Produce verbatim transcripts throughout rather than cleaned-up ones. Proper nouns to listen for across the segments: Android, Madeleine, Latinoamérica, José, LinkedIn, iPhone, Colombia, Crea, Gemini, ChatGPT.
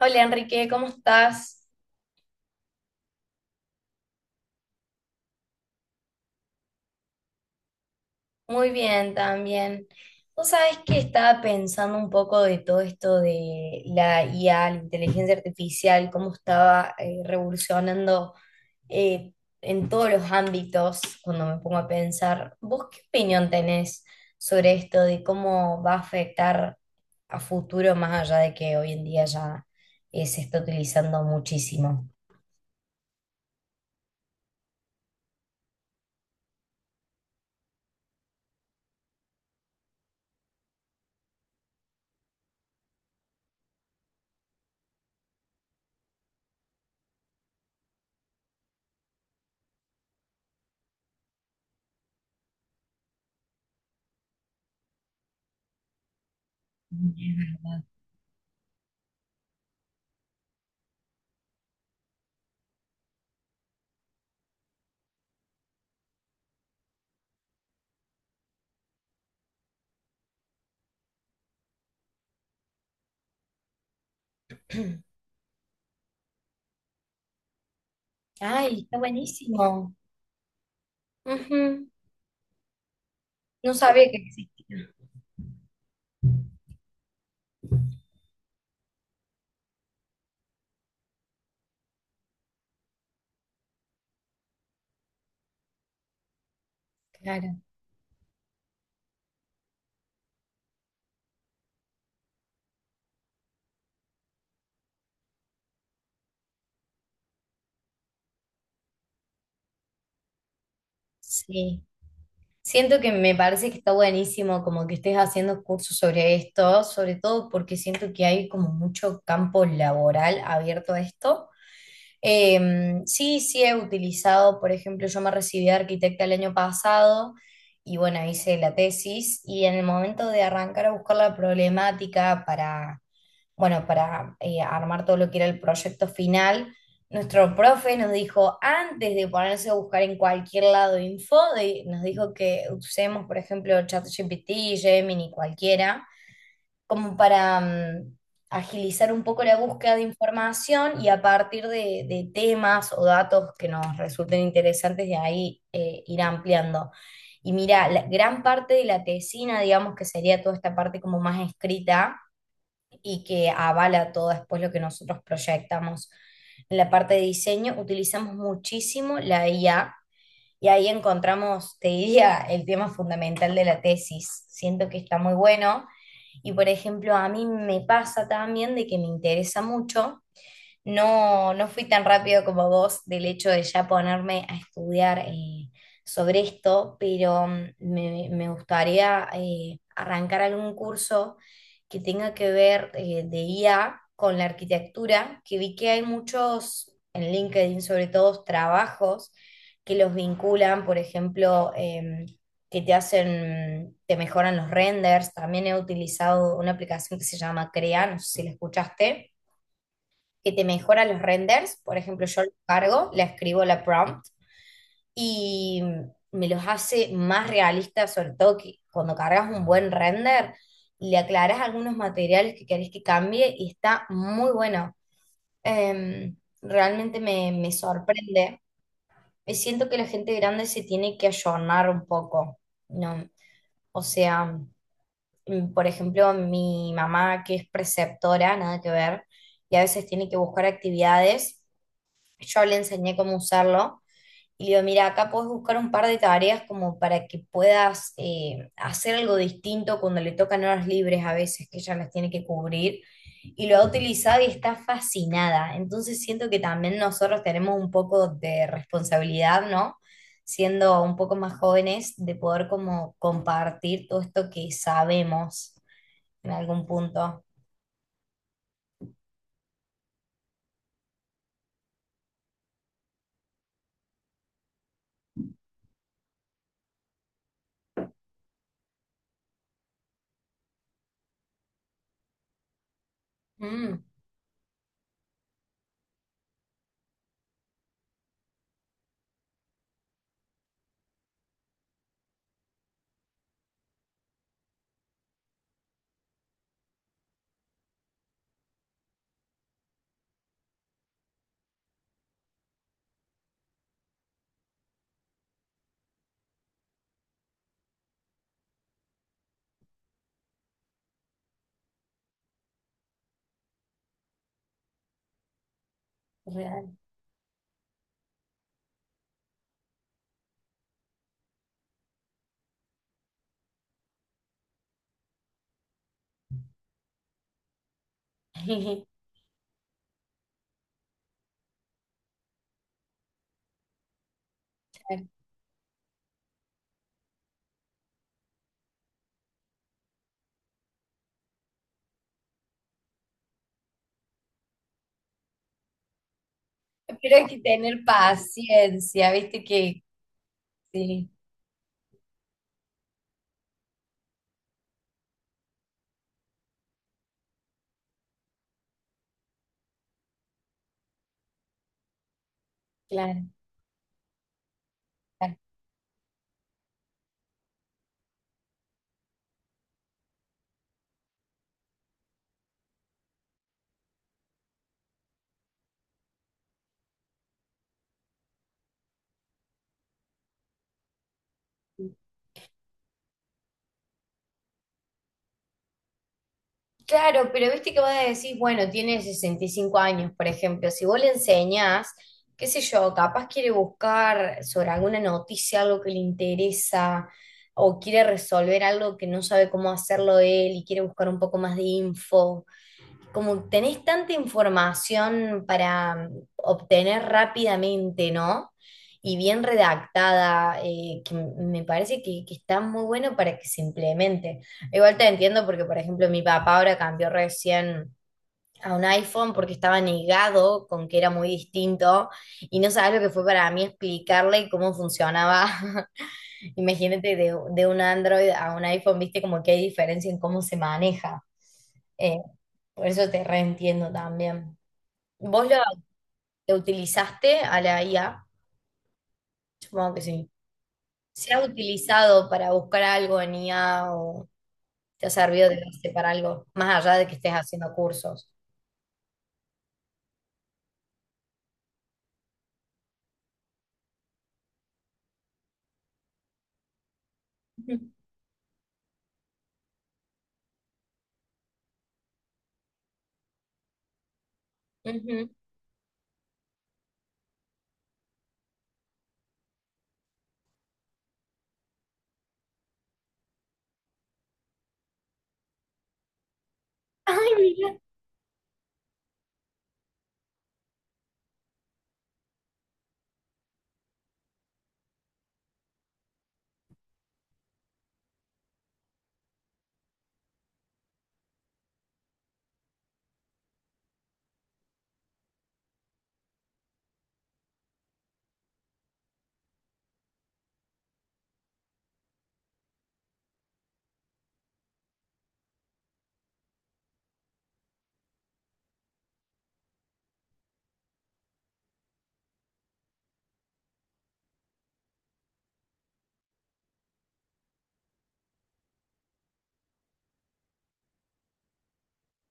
Hola Enrique, ¿cómo estás? Muy bien también. Vos sabés que estaba pensando un poco de todo esto de la I A, la inteligencia artificial, cómo estaba eh, revolucionando eh, en todos los ámbitos cuando me pongo a pensar. ¿Vos qué opinión tenés sobre esto de cómo va a afectar a futuro más allá de que hoy en día ya eh, se está utilizando muchísimo? Ay, está buenísimo. Ujú. No sabía que existía. Claro, sí. Siento que me parece que está buenísimo como que estés haciendo cursos sobre esto, sobre todo porque siento que hay como mucho campo laboral abierto a esto. Eh, sí, sí he utilizado, por ejemplo, yo me recibí de arquitecta el año pasado y bueno, hice la tesis y en el momento de arrancar a buscar la problemática para bueno, para eh, armar todo lo que era el proyecto final, nuestro profe nos dijo, antes de ponerse a buscar en cualquier lado info, de- nos dijo que usemos, por ejemplo, ChatGPT, Gemini, cualquiera, como para mm, agilizar un poco la búsqueda de información y a partir de, de temas o datos que nos resulten interesantes, de ahí eh, ir ampliando. Y mira, la gran parte de la tesina, digamos que sería toda esta parte como más escrita, y que avala todo después lo que nosotros proyectamos. En la parte de diseño utilizamos muchísimo la I A y ahí encontramos, te diría, el tema fundamental de la tesis. Siento que está muy bueno y, por ejemplo, a mí me pasa también de que me interesa mucho no, no fui tan rápido como vos del hecho de ya ponerme a estudiar eh, sobre esto, pero mm, me, me gustaría eh, arrancar algún curso que tenga que ver eh, de I A con la arquitectura, que vi que hay muchos en LinkedIn, sobre todo trabajos que los vinculan, por ejemplo, em, que te hacen, te mejoran los renders. También he utilizado una aplicación que se llama Crea, no sé si la escuchaste que te mejora los renders. Por ejemplo, yo lo cargo, le escribo la prompt y me los hace más realistas, sobre todo que cuando cargas un buen render, le aclaras algunos materiales que querés que cambie y está muy bueno. Em, realmente me, me sorprende. Eh, Siento que la gente grande se tiene que ayornar un poco, ¿no? O sea, mm, por ejemplo, mi mamá que es preceptora, nada que ver, y a veces tiene que buscar actividades yo le enseñé cómo usarlo y le digo, mira, acá puedes buscar un par de tareas como para que puedas eh, hacer algo distinto cuando le tocan horas libres a veces que ella las tiene que cubrir. Y lo ha utilizado y está fascinada. Entonces siento que también nosotros tenemos un poco de responsabilidad, ¿no? Siendo un poco más jóvenes, de poder como compartir todo esto que sabemos en algún punto. Mm, real. Pero hay que tener paciencia, viste que, sí, claro, claro. Claro, pero viste que vos decís, bueno, tiene sesenta y cinco años, por ejemplo, si vos le enseñás, qué sé yo, capaz quiere buscar sobre alguna noticia, algo que le interesa, o quiere resolver algo que no sabe cómo hacerlo él y quiere buscar un poco más de info. Como tenés tanta información para obtener rápidamente, ¿no? Y bien redactada, eh, que, me parece que, que está muy bueno para que se implemente. Igual te entiendo porque, por ejemplo, mi papá ahora cambió recién a un iPhone porque estaba negado con que era muy distinto y no sabes lo que fue para mí explicarle cómo funcionaba. Imagínate de, de un Android a un iPhone, viste como que hay diferencia en cómo se maneja. Eh, por eso te reentiendo también. ¿Vos lo, lo utilizaste a la I A? Supongo que sí. ¿Se ha utilizado para buscar algo en I A o te ha servido de base para algo, más allá de que estés haciendo cursos? Ujú. Ujú. Ay, mira,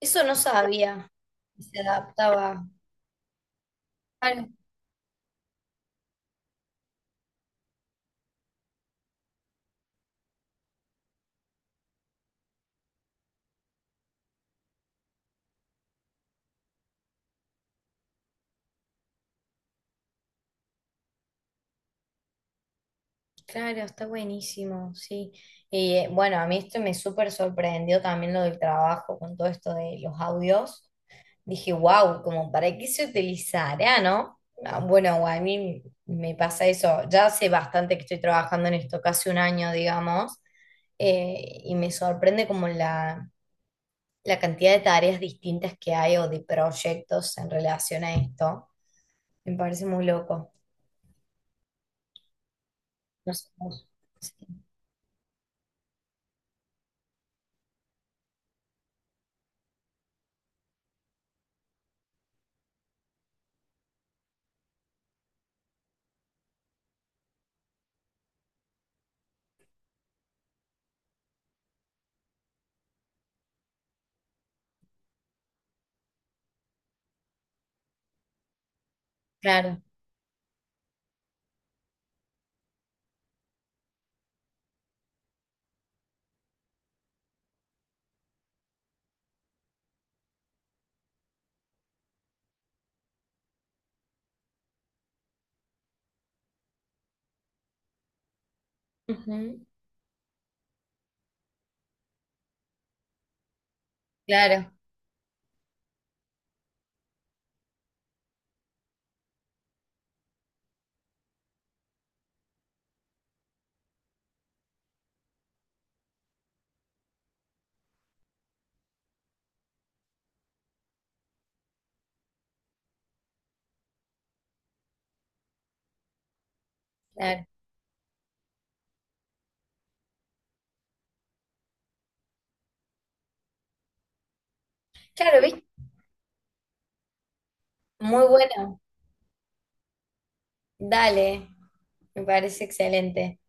eso no sabía. Se adaptaba. Claro. Claro, está buenísimo, sí. Y eh, bueno, a mí esto me súper sorprendió también lo del trabajo con todo esto de los audios. Dije, wow, como para qué se utilizará, ¿no? Ah, bueno, a mí me pasa eso. Ya hace bastante que estoy trabajando en esto, casi un año, digamos, eh, y me sorprende como la, la cantidad de tareas distintas que hay o de proyectos en relación a esto. Me parece muy loco. No sé, vos. Sí. Claro. Ujú. Claro, claro. Claro, ¿viste? Muy bueno. Dale, me parece excelente.